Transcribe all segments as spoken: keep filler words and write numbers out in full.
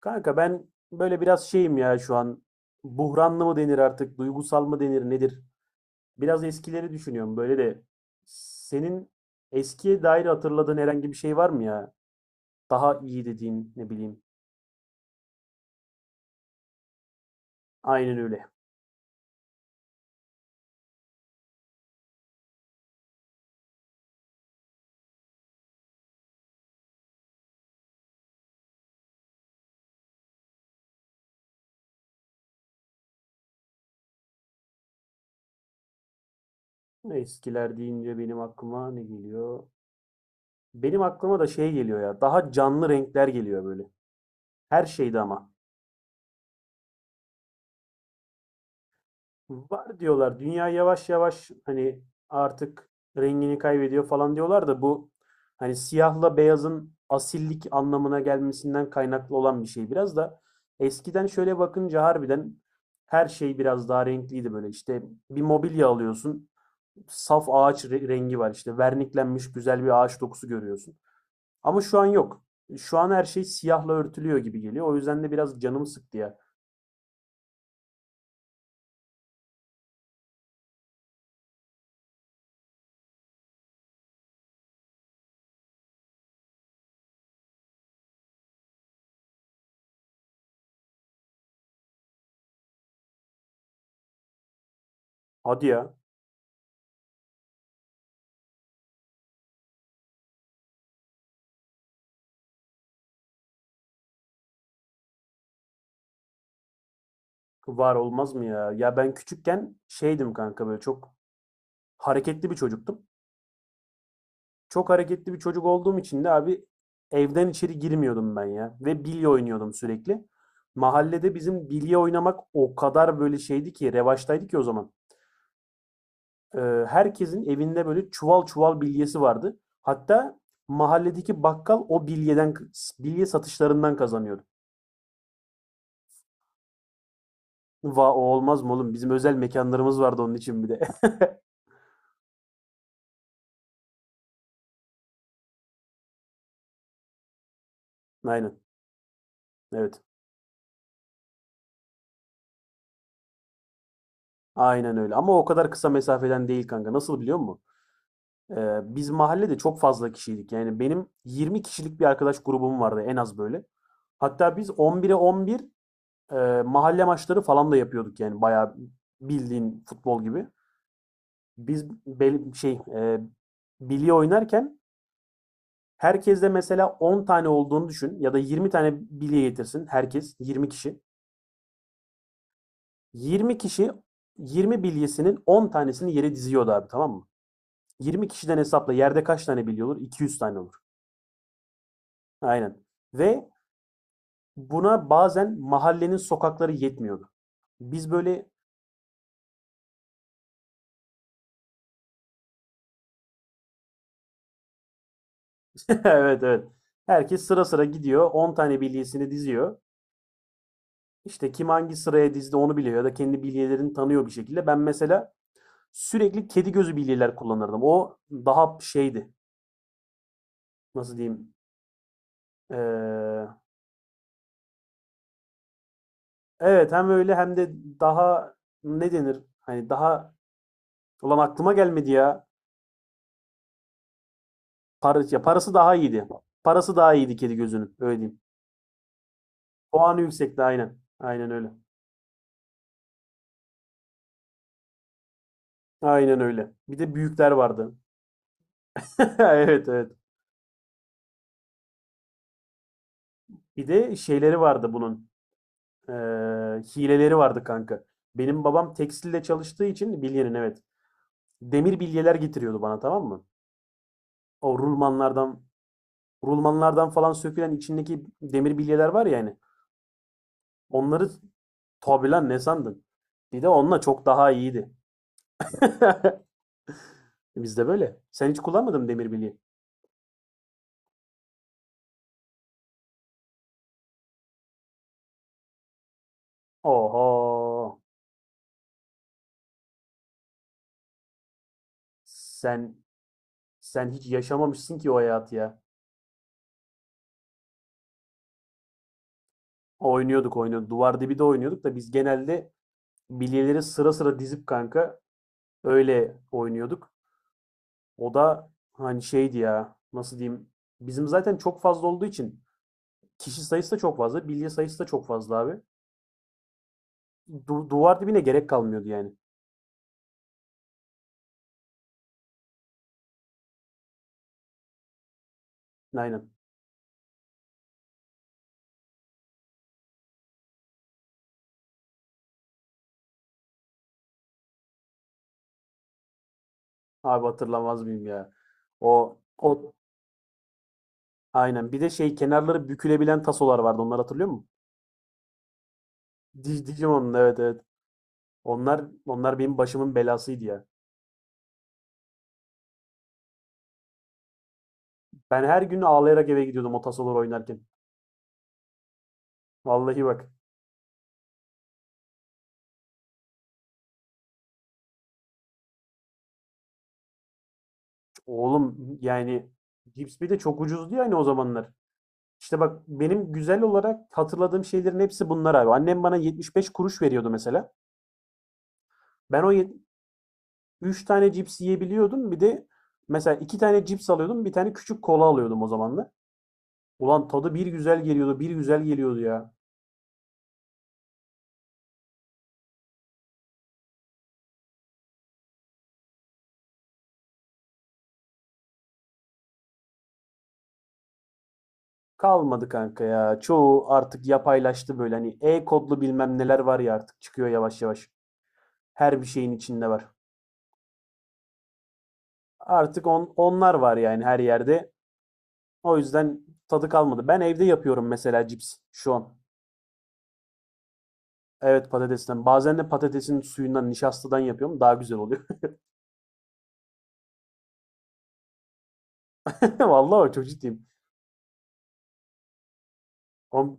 Kanka ben böyle biraz şeyim ya şu an. Buhranlı mı denir artık, duygusal mı denir, nedir? Biraz eskileri düşünüyorum böyle de. Senin eskiye dair hatırladığın herhangi bir şey var mı ya? Daha iyi dediğin ne bileyim. Aynen öyle. Eskiler deyince benim aklıma ne geliyor? Benim aklıma da şey geliyor ya. Daha canlı renkler geliyor böyle. Her şeyde ama. Var diyorlar. Dünya yavaş yavaş hani artık rengini kaybediyor falan diyorlar da bu hani siyahla beyazın asillik anlamına gelmesinden kaynaklı olan bir şey biraz da eskiden şöyle bakınca harbiden her şey biraz daha renkliydi böyle işte bir mobilya alıyorsun, saf ağaç re- rengi var, işte verniklenmiş güzel bir ağaç dokusu görüyorsun ama şu an yok, şu an her şey siyahla örtülüyor gibi geliyor, o yüzden de biraz canım sıktı ya. Hadi ya. Var olmaz mı ya? Ya ben küçükken şeydim kanka, böyle çok hareketli bir çocuktum. Çok hareketli bir çocuk olduğum için de abi evden içeri girmiyordum ben ya. Ve bilye oynuyordum sürekli. Mahallede bizim bilye oynamak o kadar böyle şeydi ki, revaçtaydı ki o zaman. Ee, herkesin evinde böyle çuval çuval bilyesi vardı. Hatta mahalledeki bakkal o bilyeden bilye satışlarından kazanıyordu. Va o olmaz mı oğlum? Bizim özel mekanlarımız vardı onun için bir de. Aynen. Evet. Aynen öyle ama o kadar kısa mesafeden değil kanka. Nasıl biliyor musun? Ee, biz mahallede çok fazla kişiydik. Yani benim yirmi kişilik bir arkadaş grubum vardı en az böyle. Hatta biz on bire on bir e, mahalle maçları falan da yapıyorduk yani bayağı bildiğin futbol gibi. Biz bel- şey e, bilye oynarken herkeste mesela on tane olduğunu düşün, ya da yirmi tane bilye getirsin herkes, yirmi kişi. yirmi kişi yirmi bilyesinin on tanesini yere diziyordu abi, tamam mı? yirmi kişiden hesapla, yerde kaç tane bilye olur? iki yüz tane olur. Aynen. Ve buna bazen mahallenin sokakları yetmiyordu. Biz böyle evet, evet. Herkes sıra sıra gidiyor. on tane bilyesini diziyor. İşte kim hangi sıraya dizdi onu biliyor, ya da kendi bilyelerini tanıyor bir şekilde. Ben mesela sürekli kedi gözü bilyeler kullanırdım. O daha şeydi. Nasıl diyeyim? Ee, evet, hem öyle hem de daha, ne denir? Hani daha, ulan aklıma gelmedi ya. Parası, ya parası daha iyiydi. Parası daha iyiydi kedi gözünün. Öyle diyeyim. Puanı yüksekti, aynen. Aynen öyle. Aynen öyle. Bir de büyükler vardı. Evet, evet. Bir de şeyleri vardı bunun. Ee, hileleri vardı kanka. Benim babam tekstilde çalıştığı için bilyenin, evet. Demir bilyeler getiriyordu bana, tamam mı? O rulmanlardan rulmanlardan falan sökülen içindeki demir bilyeler var ya hani. Onları, tabi lan ne sandın? Bir de onunla çok daha iyiydi. Bizde böyle. Sen hiç kullanmadın mı demir bilye? Oho. Sen sen hiç yaşamamışsın ki o hayatı ya. Oynuyorduk, oynuyorduk. Duvar dibi de oynuyorduk da biz genelde bilyeleri sıra sıra dizip kanka öyle oynuyorduk. O da hani şeydi ya, nasıl diyeyim. Bizim zaten çok fazla olduğu için kişi sayısı da çok fazla. Bilye sayısı da çok fazla abi. Du- duvar dibine gerek kalmıyordu yani. Aynen. Abi hatırlamaz mıyım ya. O o aynen. Bir de şey, kenarları bükülebilen tasolar vardı. Onları hatırlıyor musun? Dig- Digimon'un evet, evet. Onlar onlar benim başımın belasıydı ya. Ben her gün ağlayarak eve gidiyordum o tasolar oynarken. Vallahi bak oğlum, yani Cips bir de çok ucuzdu yani o zamanlar. İşte bak, benim güzel olarak hatırladığım şeylerin hepsi bunlar abi. Annem bana yetmiş beş kuruş veriyordu mesela. Ben o üç tane cips yiyebiliyordum. Bir de mesela iki tane cips alıyordum. Bir tane küçük kola alıyordum o zamanlar. Ulan tadı bir güzel geliyordu, bir güzel geliyordu ya. Kalmadı kanka ya. Çoğu artık yapaylaştı, böyle hani e-kodlu bilmem neler var ya artık çıkıyor yavaş yavaş. Her bir şeyin içinde var. Artık on, onlar var yani her yerde. O yüzden tadı kalmadı. Ben evde yapıyorum mesela cips şu an. Evet, patatesten. Bazen de patatesin suyundan, nişastadan yapıyorum. Daha güzel oluyor. Vallahi bak, çok ciddiyim. O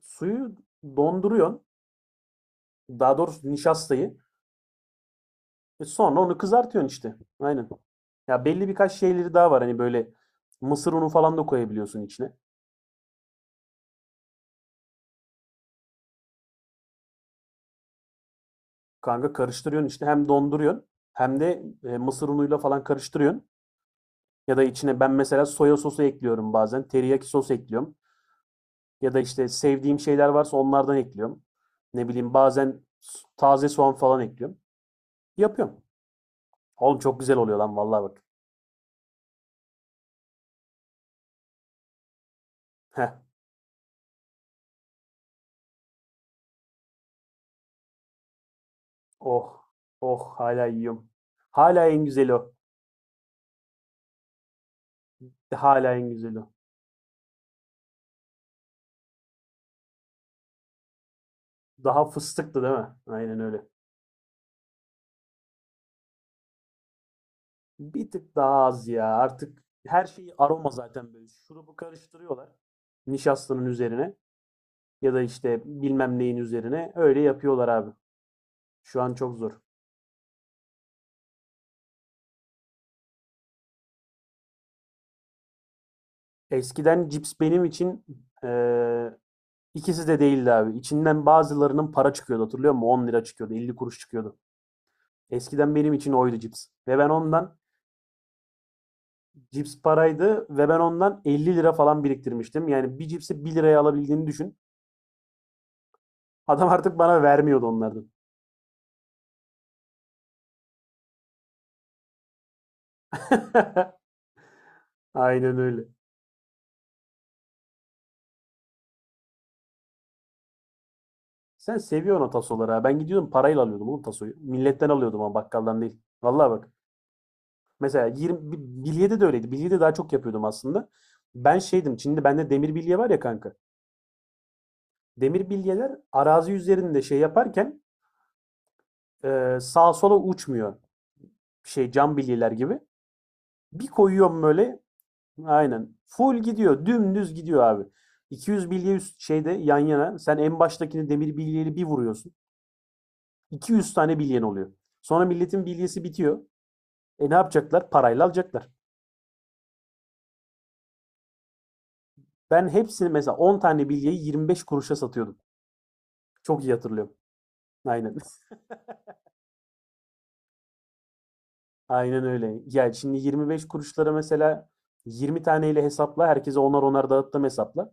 suyu donduruyorsun. Daha doğrusu nişastayı. E sonra onu kızartıyorsun işte. Aynen. Ya belli birkaç şeyleri daha var. Hani böyle mısır unu falan da koyabiliyorsun içine. Kanka karıştırıyorsun işte, hem donduruyorsun hem de e, mısır unuyla falan karıştırıyorsun. Ya da içine ben mesela soya sosu ekliyorum bazen. Teriyaki sos ekliyorum. Ya da işte sevdiğim şeyler varsa onlardan ekliyorum. Ne bileyim, bazen s- taze soğan falan ekliyorum. Yapıyorum. Oğlum çok güzel oluyor lan, vallahi bak. Heh. Oh. Oh, hala yiyorum. Hala en güzeli o. Hala en güzeli o. Daha fıstıktı değil mi? Aynen öyle. Bir tık daha az ya. Artık her şeyi aroma zaten böyle. Şurubu karıştırıyorlar. Nişastanın üzerine ya da işte bilmem neyin üzerine. Öyle yapıyorlar abi. Şu an çok zor. Eskiden cips benim için eee, ikisi de değildi abi. İçinden bazılarının para çıkıyordu, hatırlıyor musun? On lira çıkıyordu, elli kuruş çıkıyordu. Eskiden benim için oydu cips. Ve ben ondan cips paraydı ve ben ondan elli lira falan biriktirmiştim. Yani bir cipsi bir liraya alabildiğini düşün. Adam artık bana vermiyordu onlardan. Aynen öyle. Sen seviyorsun o tasoları ha. Ben gidiyordum parayla alıyordum oğlum tasoyu. Milletten alıyordum ama bakkaldan değil. Vallahi bak. Mesela yirmi, bi- bilyede de öyleydi. Bilyede daha çok yapıyordum aslında. Ben şeydim. Şimdi bende demir bilye var ya kanka. Demir bilyeler arazi üzerinde şey yaparken e, sağa sola uçmuyor. Şey, cam bilyeler gibi. Bir koyuyorum böyle. Aynen. Full gidiyor. Dümdüz gidiyor abi. iki yüz bilye üst şeyde yan yana. Sen en baştakini demir bilyeli bir vuruyorsun. iki yüz tane bilyen oluyor. Sonra milletin bilyesi bitiyor. E ne yapacaklar? Parayla alacaklar. Ben hepsini mesela on tane bilyeyi yirmi beş kuruşa satıyordum. Çok iyi hatırlıyorum. Aynen. Aynen öyle. Ya şimdi yirmi beş kuruşlara mesela yirmi taneyle hesapla. Herkese onar onar dağıttım hesapla.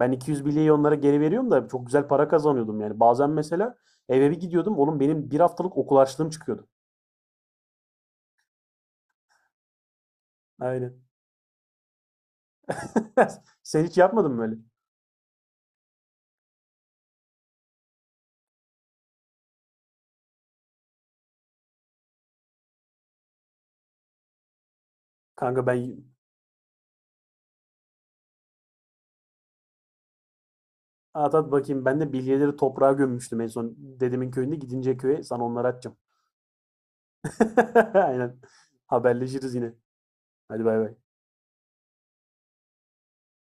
Ben iki yüz bilyeyi onlara geri veriyorum da çok güzel para kazanıyordum yani. Bazen mesela eve bir gidiyordum. Oğlum benim bir haftalık okul harçlığım çıkıyordu. Aynen. Sen hiç yapmadın mı böyle? Kanka ben At at bakayım. Ben de bilyeleri toprağa gömmüştüm en son. Dedemin köyünde gidince köye sana onları atacağım. Aynen. Haberleşiriz yine. Hadi bay bay.